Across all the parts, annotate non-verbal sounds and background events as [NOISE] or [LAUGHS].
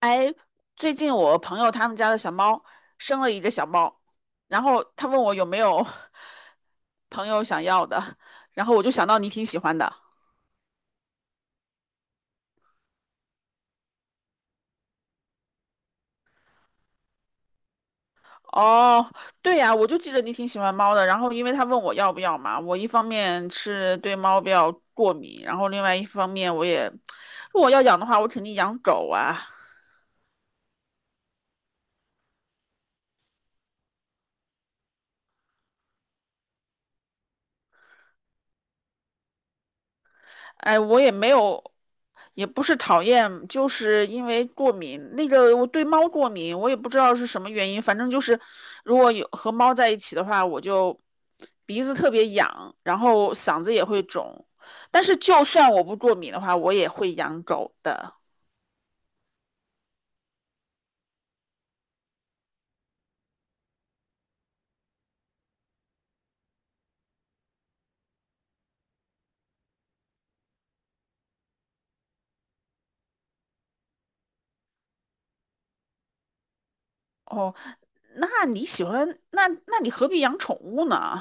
哎，最近我朋友他们家的小猫生了一个小猫，然后他问我有没有 [LAUGHS] 朋友想要的，然后我就想到你挺喜欢的。哦，对呀，我就记得你挺喜欢猫的。然后因为他问我要不要嘛，我一方面是对猫比较过敏，然后另外一方面我也，如果要养的话，我肯定养狗啊。哎，我也没有，也不是讨厌，就是因为过敏。那个我对猫过敏，我也不知道是什么原因，反正就是如果有和猫在一起的话，我就鼻子特别痒，然后嗓子也会肿。但是就算我不过敏的话，我也会养狗的。哦。那你喜欢那你何必养宠物呢？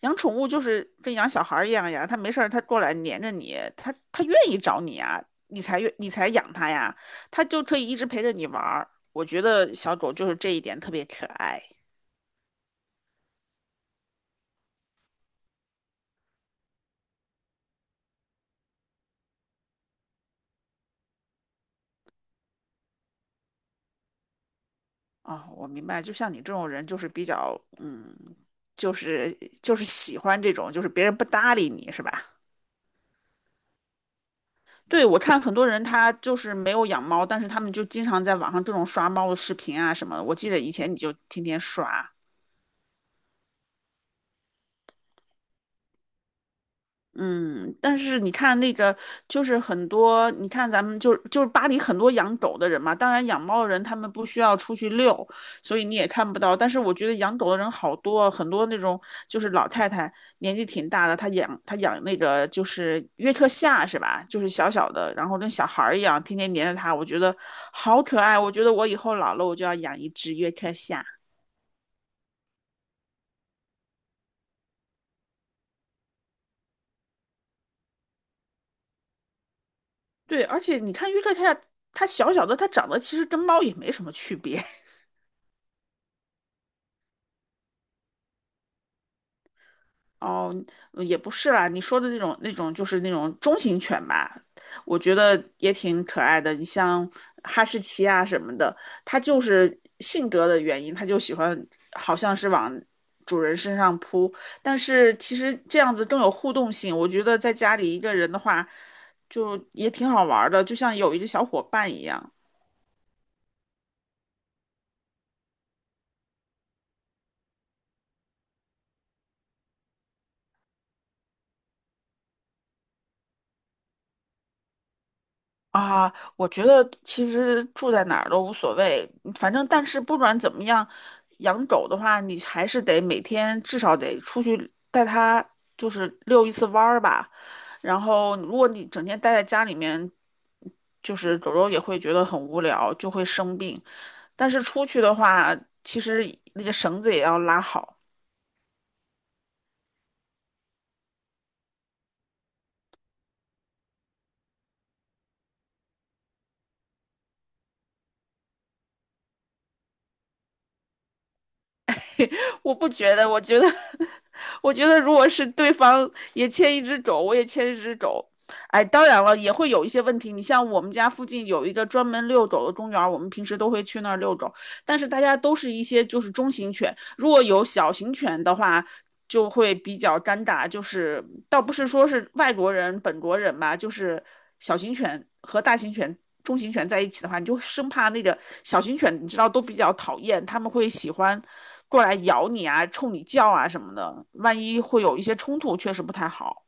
养宠物就是跟养小孩儿一样呀，它没事儿它过来黏着你，它愿意找你啊，你才养它呀，它就可以一直陪着你玩儿。我觉得小狗就是这一点特别可爱。啊，我明白，就像你这种人就是比较就是喜欢这种，就是别人不搭理你是吧？对，我看很多人他就是没有养猫，但是他们就经常在网上各种刷猫的视频啊什么的。我记得以前你就天天刷，嗯，但是你看那个，就是很多，你看咱们就是巴黎很多养狗的人嘛，当然养猫的人他们不需要出去遛，所以你也看不到。但是我觉得养狗的人好多，很多那种就是老太太年纪挺大的，她养那个就是约克夏是吧？就是小小的，然后跟小孩儿一样，天天黏着它，我觉得好可爱。我觉得我以后老了，我就要养一只约克夏。对，而且你看约克夏，它小小的，它长得其实跟猫也没什么区别。哦，也不是啦，你说的那种就是那种中型犬吧，我觉得也挺可爱的。你像哈士奇啊什么的，它就是性格的原因，它就喜欢好像是往主人身上扑。但是其实这样子更有互动性，我觉得在家里一个人的话，就也挺好玩儿的，就像有一个小伙伴一样。啊，我觉得其实住在哪儿都无所谓，反正但是不管怎么样，养狗的话，你还是得每天至少得出去带它，就是遛一次弯儿吧。然后，如果你整天待在家里面，就是狗狗也会觉得很无聊，就会生病。但是出去的话，其实那个绳子也要拉好。我不觉得，我觉得，[LAUGHS] 我觉得如果是对方也牵一只狗，我也牵一只狗，哎，当然了，也会有一些问题。你像我们家附近有一个专门遛狗的公园儿，我们平时都会去那儿遛狗。但是大家都是一些就是中型犬，如果有小型犬的话，就会比较尴尬。就是倒不是说是外国人、本国人吧，就是小型犬和大型犬、中型犬在一起的话，你就生怕那个小型犬，你知道都比较讨厌，他们会喜欢过来咬你啊、冲你叫啊什么的，万一会有一些冲突，确实不太好。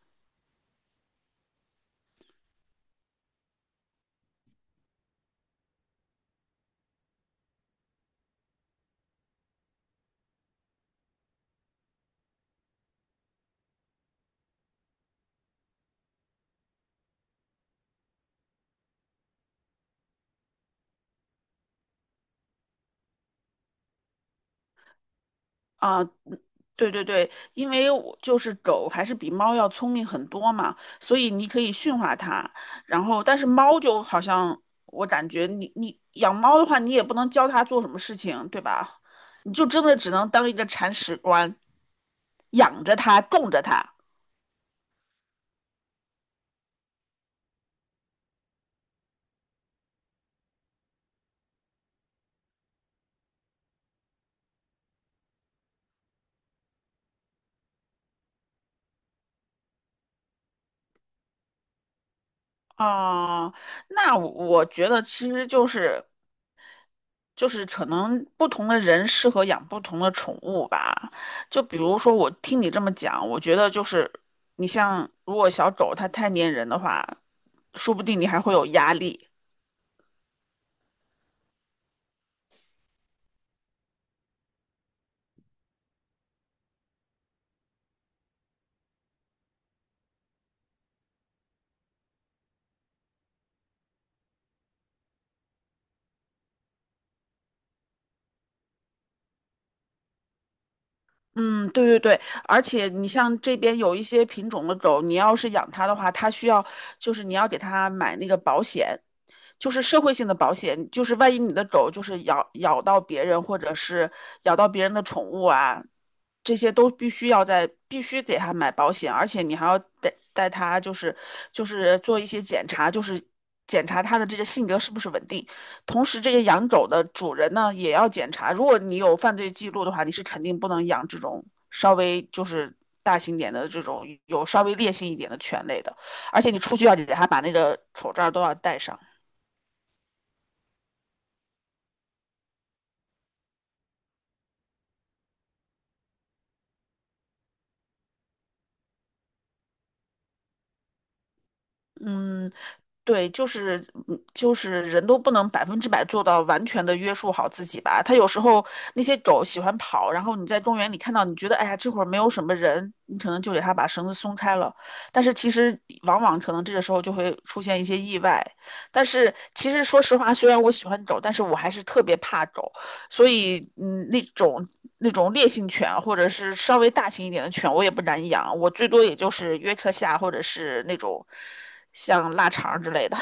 啊，对对对，因为我就是狗还是比猫要聪明很多嘛，所以你可以驯化它。然后，但是猫就好像我感觉你养猫的话，你也不能教它做什么事情，对吧？你就真的只能当一个铲屎官，养着它，供着它。啊、那我觉得其实就是。就是可能不同的人适合养不同的宠物吧。就比如说，我听你这么讲，我觉得就是你像如果小狗它太粘人的话，说不定你还会有压力。嗯，对对对，而且你像这边有一些品种的狗，你要是养它的话，它需要就是你要给它买那个保险，就是社会性的保险，就是万一你的狗就是咬到别人或者是咬到别人的宠物啊，这些都必须要在必须给他买保险，而且你还要带他就是做一些检查，就是检查他的这个性格是不是稳定。同时，这个养狗的主人呢也要检查，如果你有犯罪记录的话，你是肯定不能养这种稍微就是大型点的这种有稍微烈性一点的犬类的，而且你出去要给他把那个口罩都要戴上。嗯，对，就是就是人都不能百分之百做到完全的约束好自己吧。它有时候那些狗喜欢跑，然后你在公园里看到，你觉得哎呀这会儿没有什么人，你可能就给它把绳子松开了。但是其实往往可能这个时候就会出现一些意外。但是其实说实话，虽然我喜欢狗，但是我还是特别怕狗。所以嗯，那种烈性犬或者是稍微大型一点的犬，我也不敢养，我最多也就是约克夏或者是那种像腊肠之类的。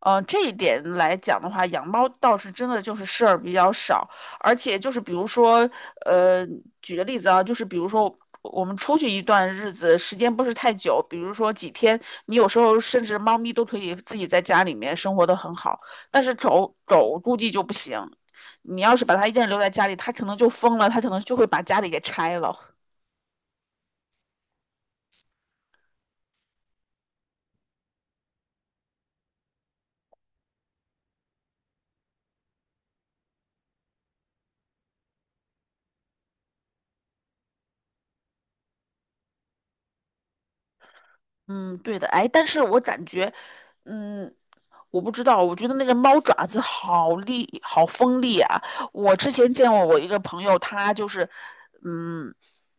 嗯、这一点来讲的话，养猫倒是真的就是事儿比较少，而且就是比如说，呃，举个例子啊，就是比如说我们出去一段日子，时间不是太久，比如说几天，你有时候甚至猫咪都可以自己在家里面生活的很好，但是狗狗估计就不行，你要是把它一个人留在家里，它可能就疯了，它可能就会把家里给拆了。嗯，对的，哎，但是我感觉，嗯，我不知道，我觉得那个猫爪子好利，好锋利啊！我之前见过我一个朋友，他就是，嗯，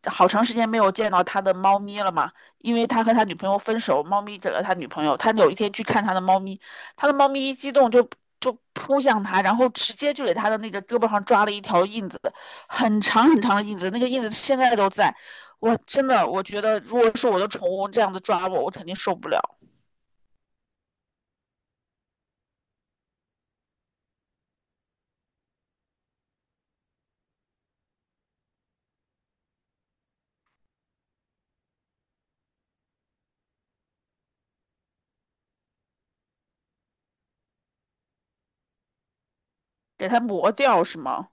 好长时间没有见到他的猫咪了嘛，因为他和他女朋友分手，猫咪给了他女朋友，他有一天去看他的猫咪，他的猫咪一激动就扑向他，然后直接就给他的那个胳膊上抓了一条印子，很长很长的印子，那个印子现在都在。我真的，我觉得如果是我的宠物这样子抓我，我肯定受不了，给它磨掉是吗？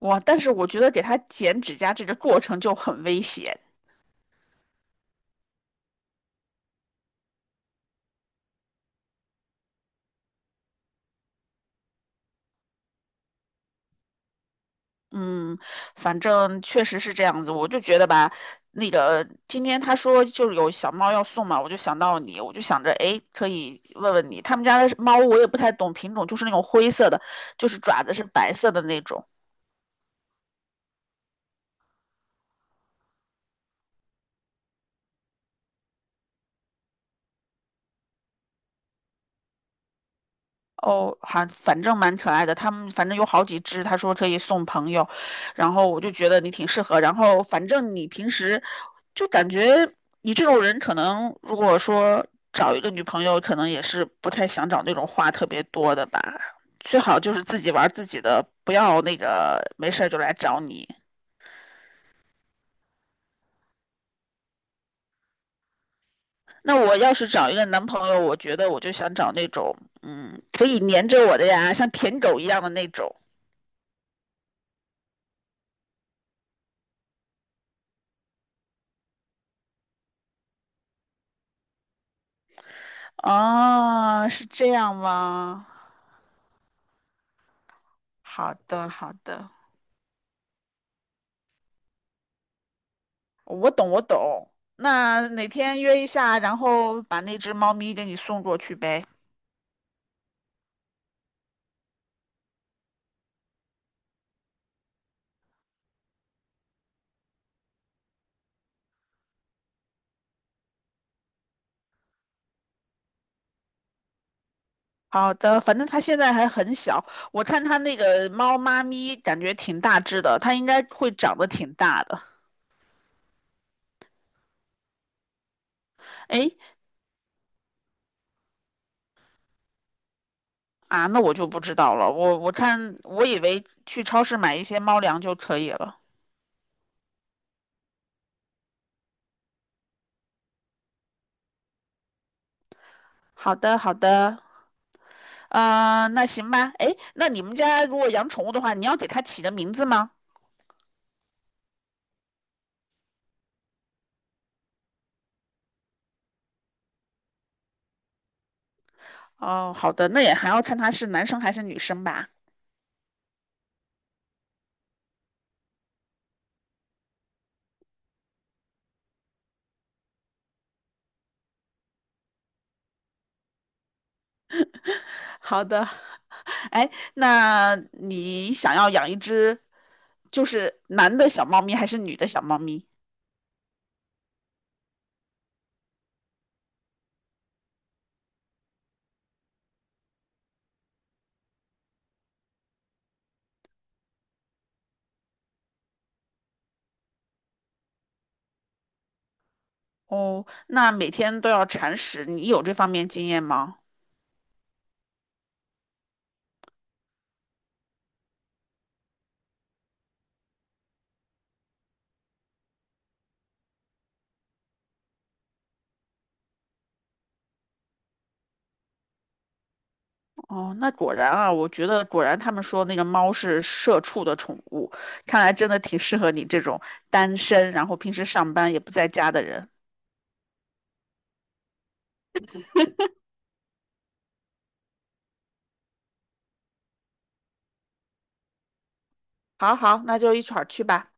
哇，但是我觉得给它剪指甲这个过程就很危险，嗯，反正确实是这样子，我就觉得吧，那个今天他说就是有小猫要送嘛，我就想到你，我就想着，哎，可以问问你，他们家的猫我也不太懂品种，就是那种灰色的，就是爪子是白色的那种。哦，还反正蛮可爱的。他们反正有好几只，他说可以送朋友，然后我就觉得你挺适合。然后反正你平时就感觉你这种人，可能如果说找一个女朋友，可能也是不太想找那种话特别多的吧。最好就是自己玩儿自己的，不要那个没事儿就来找你。那我要是找一个男朋友，我觉得我就想找那种，嗯，可以黏着我的呀，像舔狗一样的那种。哦，是这样吗？好的，好的，我懂，我懂。那哪天约一下，然后把那只猫咪给你送过去呗。好的，反正它现在还很小，我看它那个猫妈咪感觉挺大只的，它应该会长得挺大的。哎，啊，那我就不知道了。我我以为去超市买一些猫粮就可以了。好的，好的，那行吧。哎，那你们家如果养宠物的话，你要给它起个名字吗？哦，好的，那也还要看它是男生还是女生吧。好的，[LAUGHS] 哎，那你想要养一只，就是男的小猫咪还是女的小猫咪？哦，那每天都要铲屎，你有这方面经验吗？哦，那果然啊，我觉得果然他们说那个猫是社畜的宠物，看来真的挺适合你这种单身，然后平时上班也不在家的人。好好，那就一块去吧。